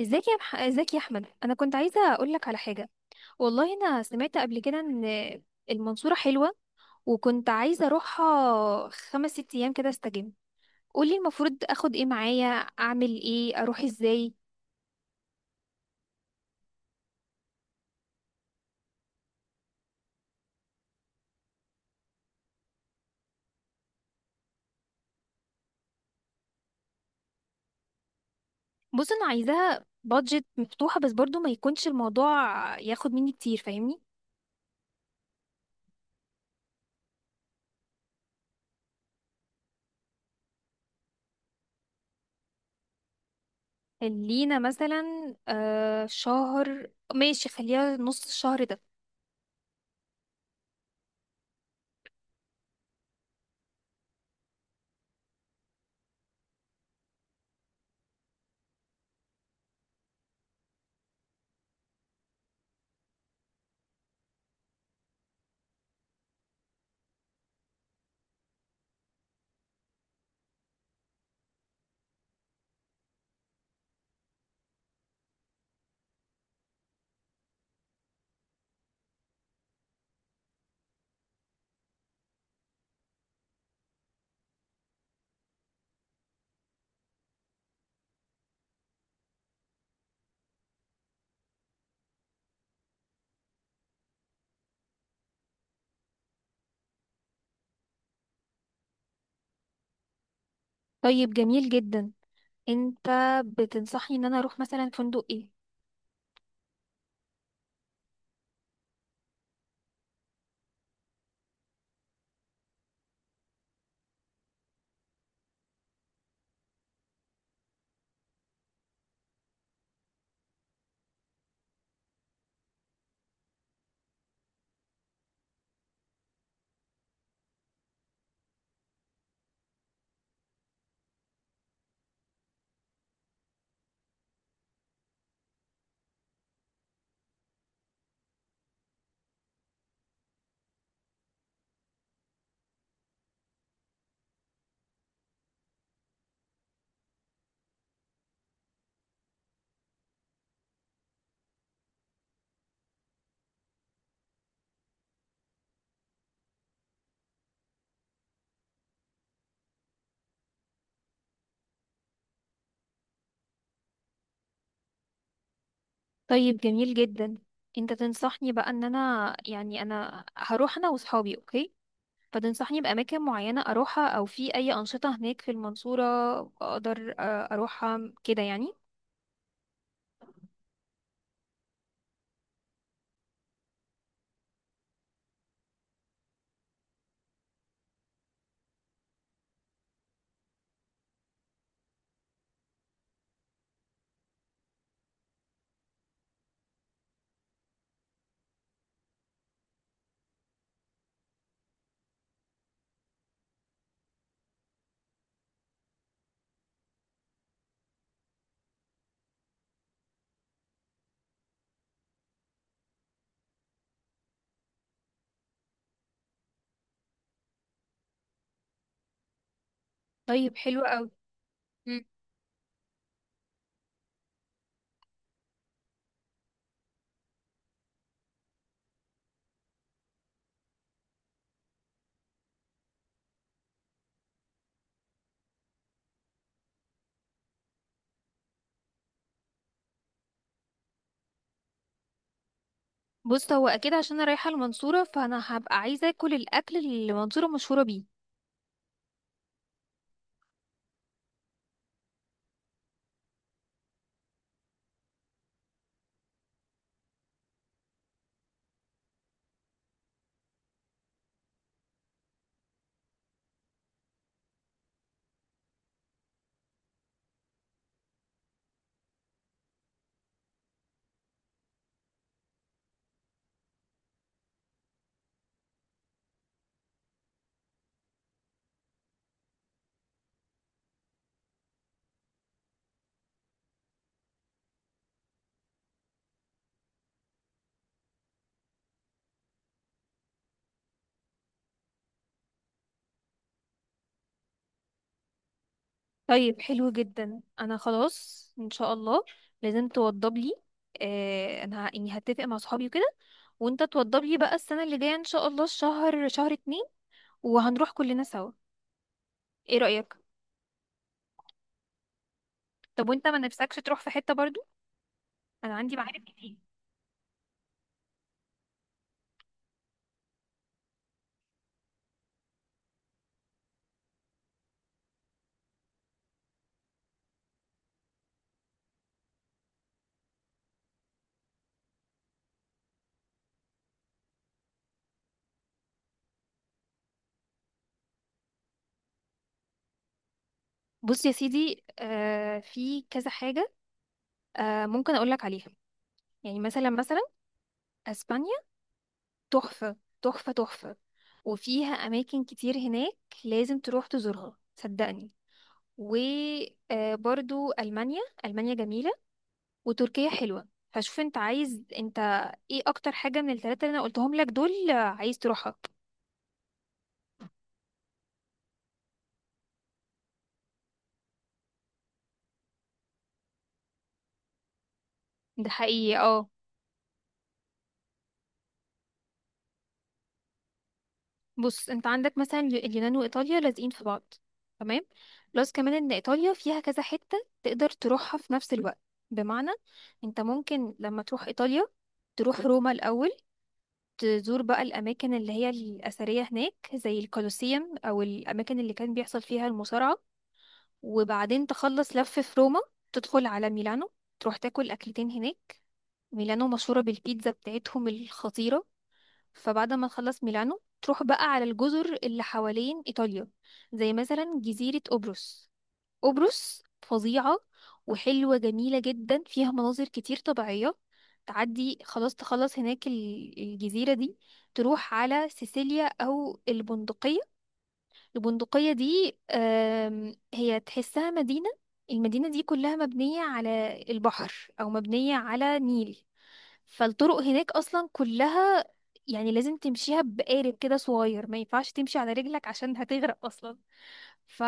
ازيك يا احمد، انا كنت عايزه اقول لك على حاجه. والله انا سمعت قبل كده ان المنصوره حلوه، وكنت عايزه اروحها خمس ست ايام كده استجم. قولي المفروض اخد ايه معايا؟ اعمل ايه؟ اروح ازاي؟ بص، انا عايزاها بادجت مفتوحه بس برضو ما يكونش الموضوع ياخد مني كتير، فاهمني. خلينا مثلا شهر. ماشي، خليها نص الشهر ده. طيب، جميل جدا. انت بتنصحني ان انا اروح مثلا فندق ايه؟ طيب، جميل جدا. انت تنصحني بقى ان انا يعني انا هروح انا واصحابي، اوكي. فتنصحني باماكن معينة اروحها، او في اي انشطة هناك في المنصورة اقدر اروحها كده يعني؟ طيب، حلو قوي. مم. بص، هو اكيد عشان انا رايحة المنصورة فانا هبقى عايزة اكل الاكل اللي المنصورة مشهورة بيه. طيب، حلو جدا، انا خلاص ان شاء الله لازم توضب لي. انا يعني هتفق مع صحابي وكده، وانت توضب لي بقى السنة اللي جاية ان شاء الله الشهر شهر 2، وهنروح كلنا سوا. ايه رأيك؟ طب وانت ما نفسكش تروح في حتة برضو؟ انا عندي معارف كتير. بص يا سيدي، في كذا حاجة ممكن اقولك عليها. يعني مثلا، اسبانيا. تحفة. تحفة، تحفة. وفيها اماكن كتير هناك، لازم تروح تزورها صدقني. وبرضو المانيا، جميلة. وتركيا حلوة. فشوف انت عايز، انت ايه اكتر حاجة من الثلاثة اللي انا قلتهم لك دول عايز تروحها؟ ده حقيقي، اه. بص، انت عندك مثلا اليونان وايطاليا لازقين في بعض، تمام؟ بلس كمان ان ايطاليا فيها كذا حتة تقدر تروحها في نفس الوقت. بمعنى، انت ممكن لما تروح ايطاليا تروح روما الاول، تزور بقى الاماكن اللي هي الاثرية هناك زي الكولوسيوم او الاماكن اللي كان بيحصل فيها المصارعة. وبعدين تخلص لف في روما، تدخل على ميلانو، تروح تاكل اكلتين هناك. ميلانو مشهورة بالبيتزا بتاعتهم الخطيرة. فبعد ما نخلص ميلانو تروح بقى على الجزر اللي حوالين إيطاليا، زي مثلا جزيرة قبرص. قبرص فظيعة، وحلوة جميلة جدا، فيها مناظر كتير طبيعية. تعدي خلاص، تخلص هناك الجزيرة دي، تروح على سيسيليا أو البندقية. البندقية دي، هي تحسها مدينة. المدينة دي كلها مبنية على البحر أو مبنية على نيل، فالطرق هناك أصلا كلها يعني لازم تمشيها بقارب كده صغير، ما ينفعش تمشي على رجلك عشان هتغرق أصلا. ف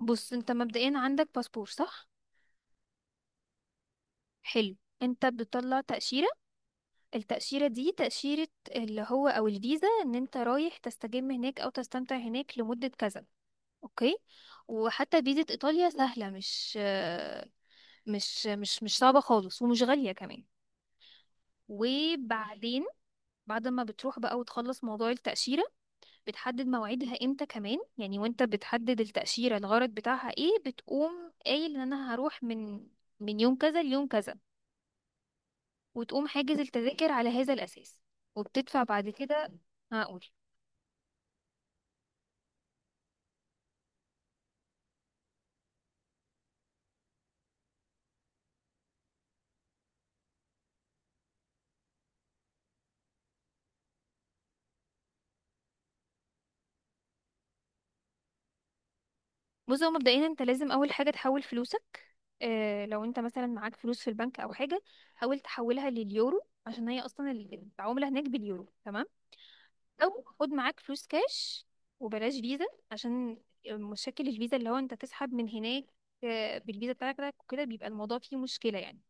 بص، انت مبدئيا عندك باسبور، صح؟ حلو. انت بتطلع تأشيرة. التأشيرة دي تأشيرة اللي هو او الفيزا ان انت رايح تستجم هناك او تستمتع هناك لمدة كذا، اوكي؟ وحتى فيزا ايطاليا سهله، مش صعبه خالص، ومش غاليه كمان. وبعدين بعد ما بتروح بقى وتخلص موضوع التأشيرة، بتحدد مواعيدها امتى كمان يعني، وانت بتحدد التأشيرة الغرض بتاعها ايه، بتقوم قايل ان انا هروح من يوم كذا ليوم كذا، وتقوم حاجز التذاكر على هذا الأساس، وبتدفع بعد كده. هقول. بص، هو مبدئيا انت لازم اول حاجه تحول فلوسك. اه، لو انت مثلا معاك فلوس في البنك او حاجه، حاول تحولها لليورو عشان هي اصلا العمله هناك باليورو، تمام؟ او خد معاك فلوس كاش، وبلاش فيزا، عشان مشاكل الفيزا اللي هو انت تسحب من هناك بالفيزا بتاعتك وكده بيبقى الموضوع فيه مشكله يعني.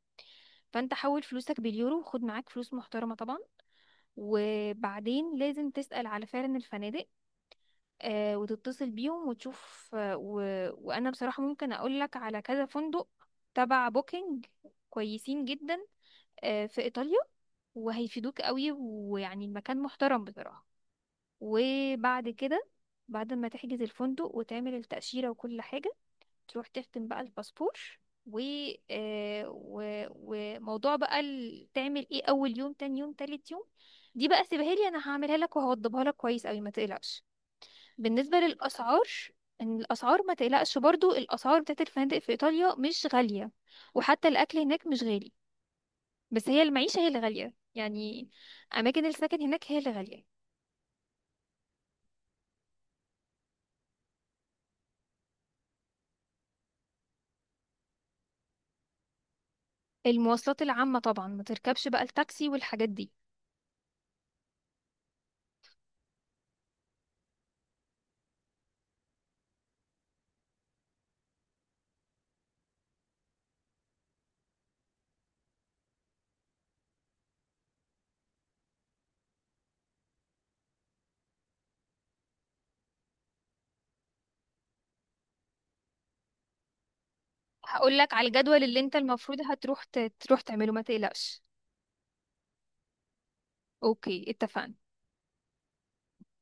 فانت حول فلوسك باليورو وخد معاك فلوس محترمه طبعا. وبعدين لازم تسأل على فعلا الفنادق، وتتصل بيهم وتشوف. وانا بصراحة ممكن اقول لك على كذا فندق تبع بوكينج، كويسين جدا، في ايطاليا، وهيفيدوك قوي، ويعني المكان محترم بصراحة. وبعد كده، بعد ما تحجز الفندق وتعمل التأشيرة وكل حاجة، تروح تختم بقى الباسبور و... آه، و... وموضوع بقى تعمل ايه اول يوم، تاني يوم، تالت يوم، دي بقى سيبها لي انا، هعملها لك وهوضبها لك كويس قوي، ما تقلقش. بالنسبة للأسعار، إن الأسعار ما تقلقش برضو، الأسعار بتاعت الفنادق في إيطاليا مش غالية، وحتى الأكل هناك مش غالي، بس هي المعيشة هي اللي غالية يعني. أماكن السكن هناك هي اللي غالية. المواصلات العامة طبعا، ما تركبش بقى التاكسي والحاجات دي. هقولك على الجدول اللي انت المفروض هتروح تروح تعمله، ما تقلقش. أوكي، اتفقنا.